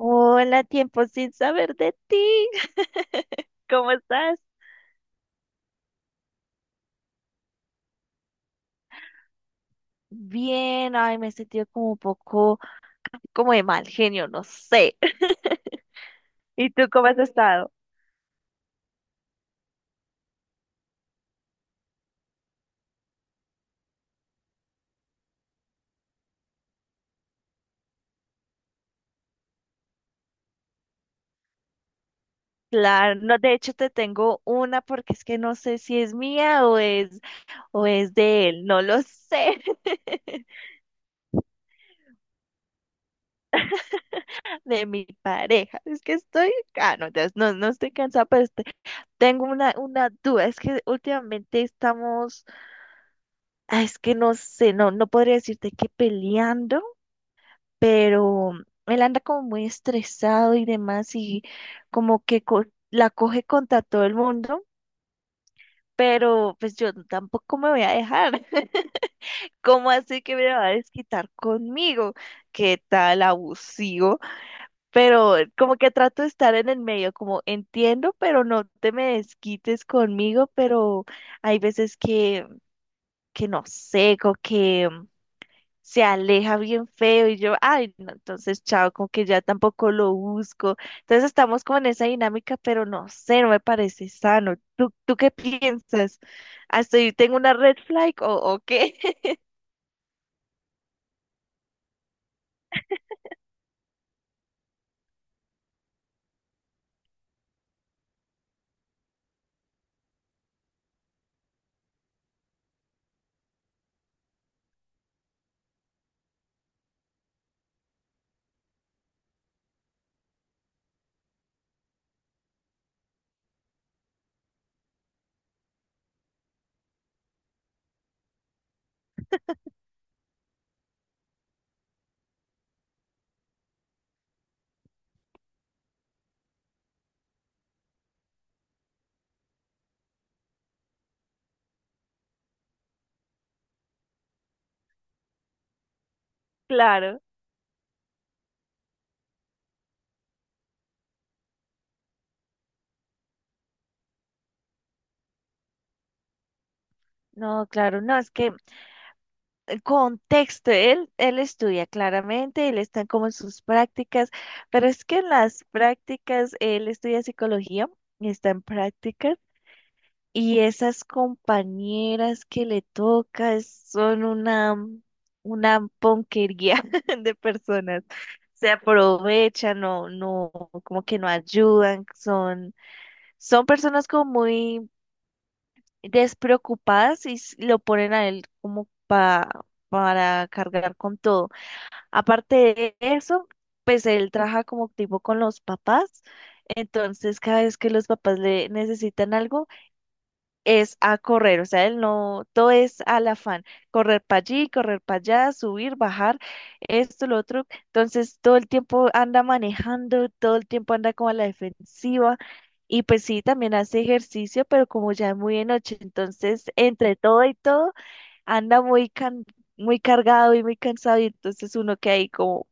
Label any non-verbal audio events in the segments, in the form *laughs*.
Hola, tiempo sin saber de ti. *laughs* ¿Cómo estás? Bien, ay, me he sentido como un poco, como de mal genio, no sé. *laughs* ¿Y tú cómo has estado? Claro, no, de hecho te tengo una porque es que no sé si es mía o es, de él, no lo sé. *laughs* De mi pareja. Es que estoy, no, no estoy cansada, pero tengo una duda. Es que últimamente estamos, es que no sé, no podría decirte que peleando. Pero él anda como muy estresado y demás, y como que la coge contra todo el mundo, pero pues yo tampoco me voy a dejar. *laughs* ¿Cómo así que me va a desquitar conmigo? ¡Qué tal abusivo! Pero como que trato de estar en el medio, como entiendo, pero no te me desquites conmigo, pero hay veces que no sé, como que se aleja bien feo y yo, ay, no, entonces chao, como que ya tampoco lo busco. Entonces estamos como en esa dinámica, pero no sé, no me parece sano. ¿Tú qué piensas? ¿Estoy tengo una red flag o qué? *laughs* Claro. No, claro, no, es que el contexto, él estudia claramente, él está como en sus prácticas, pero es que en las prácticas, él estudia psicología y está en prácticas. Y esas compañeras que le toca son una ponquería *laughs* de personas. Se aprovechan, no, no, como que no ayudan, son personas como muy despreocupadas y lo ponen a él como para cargar con todo. Aparte de eso, pues él trabaja como tipo con los papás, entonces cada vez que los papás le necesitan algo, es a correr, o sea, él no, todo es al afán, correr para allí, correr para allá, subir, bajar, esto, lo otro, entonces todo el tiempo anda manejando, todo el tiempo anda como a la defensiva y pues sí, también hace ejercicio, pero como ya es muy de noche, entonces entre todo y todo anda muy muy cargado y muy cansado, y entonces uno queda ahí como,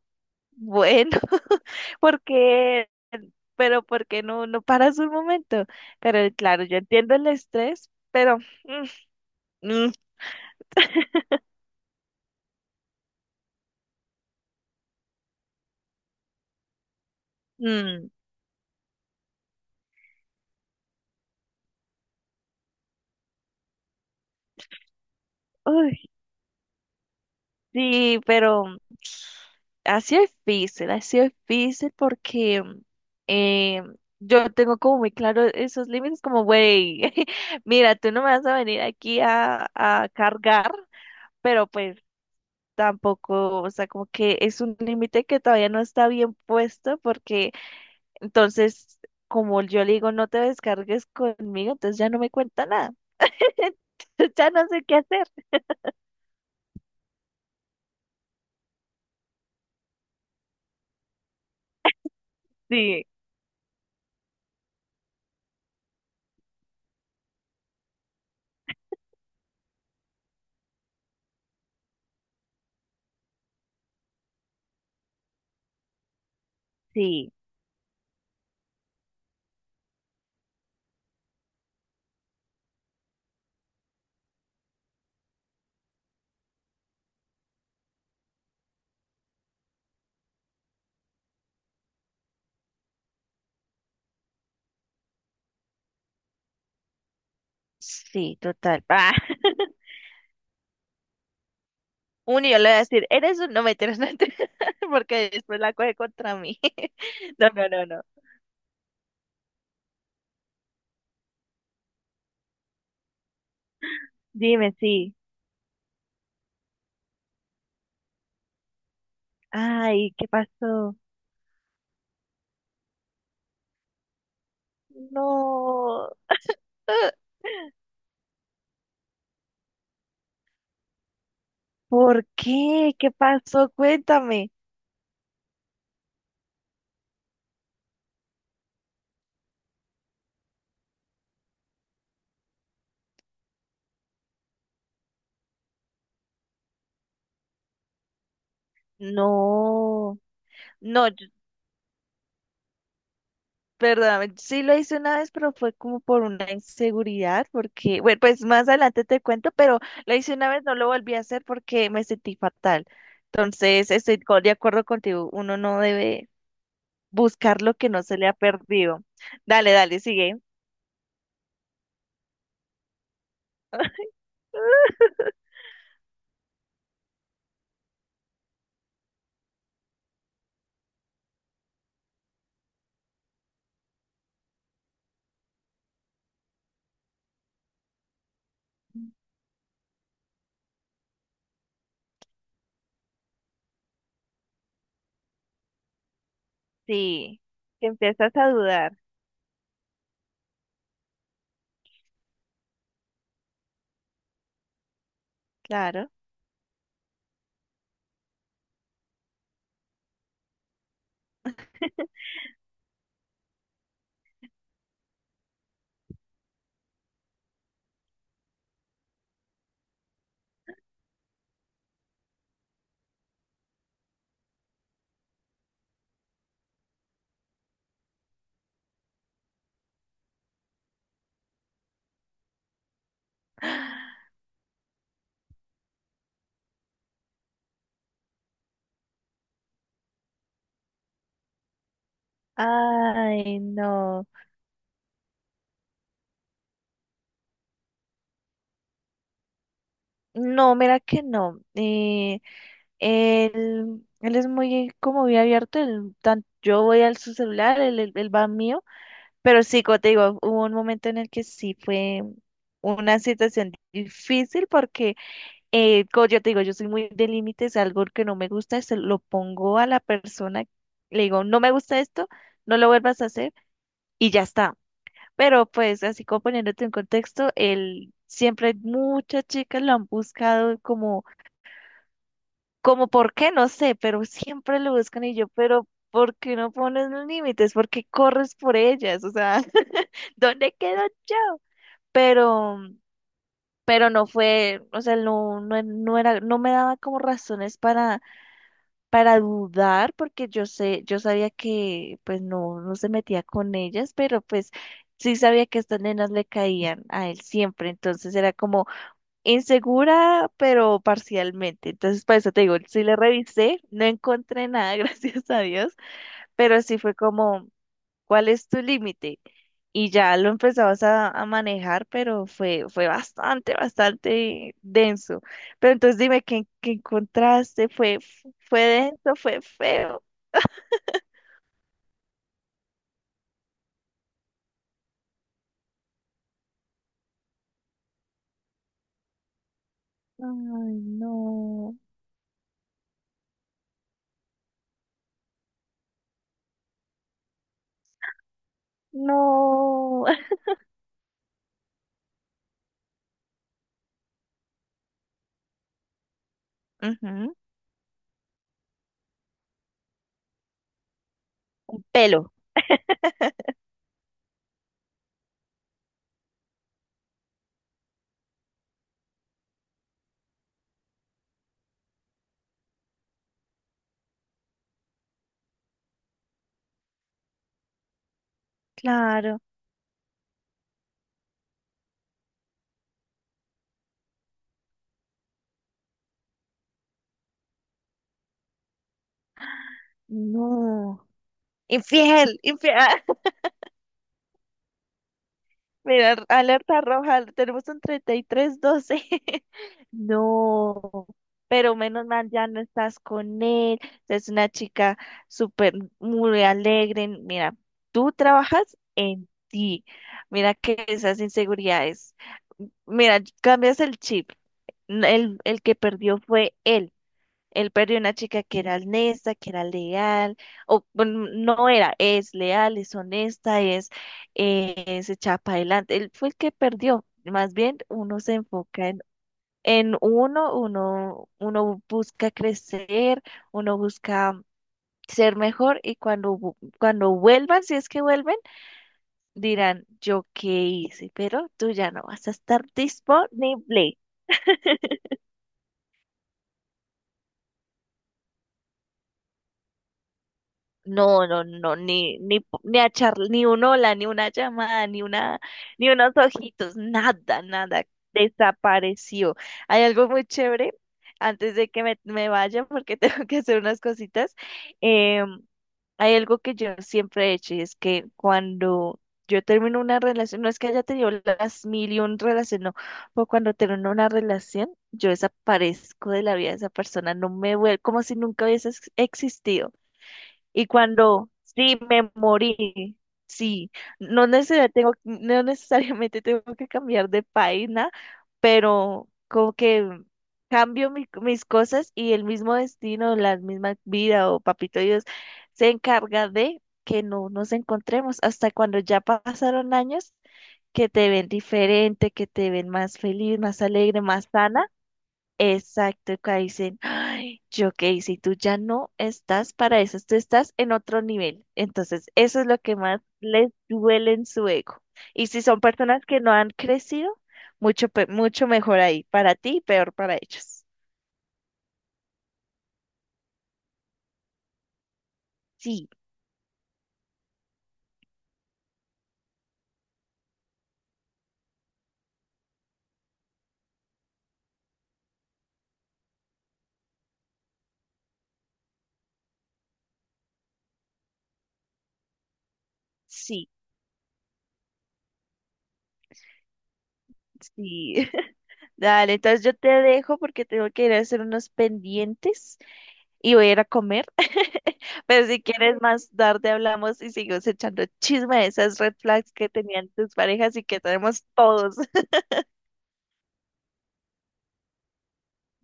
bueno, *laughs* porque. Pero porque no, paras un momento. Pero claro, yo entiendo el estrés, pero mm, Ujú. Uy, sí, pero ha sido difícil porque eh, yo tengo como muy claro esos límites, como, güey, *laughs* mira, tú no me vas a venir aquí a cargar, pero pues tampoco, o sea, como que es un límite que todavía no está bien puesto porque entonces, como yo le digo, no te descargues conmigo, entonces ya no me cuenta nada. *laughs* Entonces ya no sé qué hacer. Sí, sí. Sí, total. Ah, *laughs* uno yo le voy a decir, eres un. No, mentiras, no, mentiras, *laughs* porque después la coge contra mí. *laughs* No, no, no, no. Dime, sí. Ay, ¿qué pasó? No. *laughs* Ah, ¿por qué? ¿Qué pasó? Cuéntame. No. No, yo perdóname, sí lo hice una vez, pero fue como por una inseguridad, porque, bueno, pues más adelante te cuento, pero lo hice una vez, no lo volví a hacer porque me sentí fatal. Entonces, estoy de acuerdo contigo, uno no debe buscar lo que no se le ha perdido. Dale, dale, sigue. Sí, que empiezas a dudar, claro. *laughs* Ay, no. No, mira que no. Él, él es muy como muy abierto, él yo voy al su celular, él va al mío, pero sí, como te digo, hubo un momento en el que sí fue una situación difícil porque, como yo te digo, yo soy muy de límites, algo que no me gusta, se lo pongo a la persona, le digo, no me gusta esto, no lo vuelvas a hacer y ya está. Pero pues así como poniéndote en contexto, él siempre muchas chicas lo han buscado como por qué, no sé, pero siempre lo buscan y yo, pero ¿por qué no pones los límites? ¿Por qué corres por ellas? O sea, *laughs* ¿dónde quedo yo? Pero, pero, no fue, o sea, no, no, no era, no me daba como razones para dudar, porque yo sé, yo sabía que pues no, no se metía con ellas, pero pues sí sabía que estas nenas le caían a él siempre, entonces era como insegura, pero parcialmente. Entonces, para eso te digo, sí le revisé, no encontré nada, *laughs* gracias a Dios, pero sí fue como, ¿cuál es tu límite? Y ya lo empezabas a, manejar, pero fue bastante, bastante denso. Pero entonces dime, ¿qué encontraste? ¿Fue denso? ¿Fue feo? Ay, no, no. *laughs* Ujú. Pelo. Claro, no. Infiel, infiel. *laughs* Mira, alerta roja, tenemos un 33-12. *laughs* No, pero menos mal ya no estás con él. Es una chica súper, muy alegre. Mira, tú trabajas en ti. Mira que esas inseguridades. Mira, cambias el chip. El que perdió fue él. Él perdió una chica que era honesta, que era leal, o bueno, no era, es leal, es honesta, se echa para adelante. Él fue el que perdió. Más bien uno se enfoca en, uno busca crecer, uno busca ser mejor y cuando, cuando vuelvan, si es que vuelven, dirán, yo qué hice, pero tú ya no vas a estar disponible. No, no, no, ni a charla, ni un hola, ni una llamada, ni unos ojitos, nada, nada, desapareció. Hay algo muy chévere, antes de que me vaya, porque *laughs* tengo que hacer unas cositas. em, Hay algo que yo siempre he hecho, y es que cuando yo termino una relación, no es que haya tenido las mil y un relación, no, pero cuando termino una relación, yo desaparezco de la vida de esa persona, no me vuelvo, como si nunca hubiese existido. Y cuando sí me morí, sí, no necesariamente tengo, no necesariamente *laughs* tengo que cambiar de página, pero como que cambio mis cosas y el mismo destino, la misma vida o papito Dios se encarga de que no nos encontremos hasta cuando ya pasaron años, que te ven diferente, que te ven más feliz, más alegre, más sana. Exacto, y que dicen, ay, yo qué hice, y tú ya no estás para eso, tú estás en otro nivel. Entonces, eso es lo que más les duele en su ego. Y si son personas que no han crecido mucho, mucho mejor ahí, para ti, peor para ellos. Sí, sí, sí. *laughs* Dale, entonces yo te dejo porque tengo que ir a hacer unos pendientes, y voy a ir a comer. *laughs* Pero si quieres más tarde hablamos y seguimos echando chisme de esas red flags que tenían tus parejas y que tenemos todos. *laughs*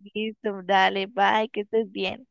Listo, dale, bye, que estés bien.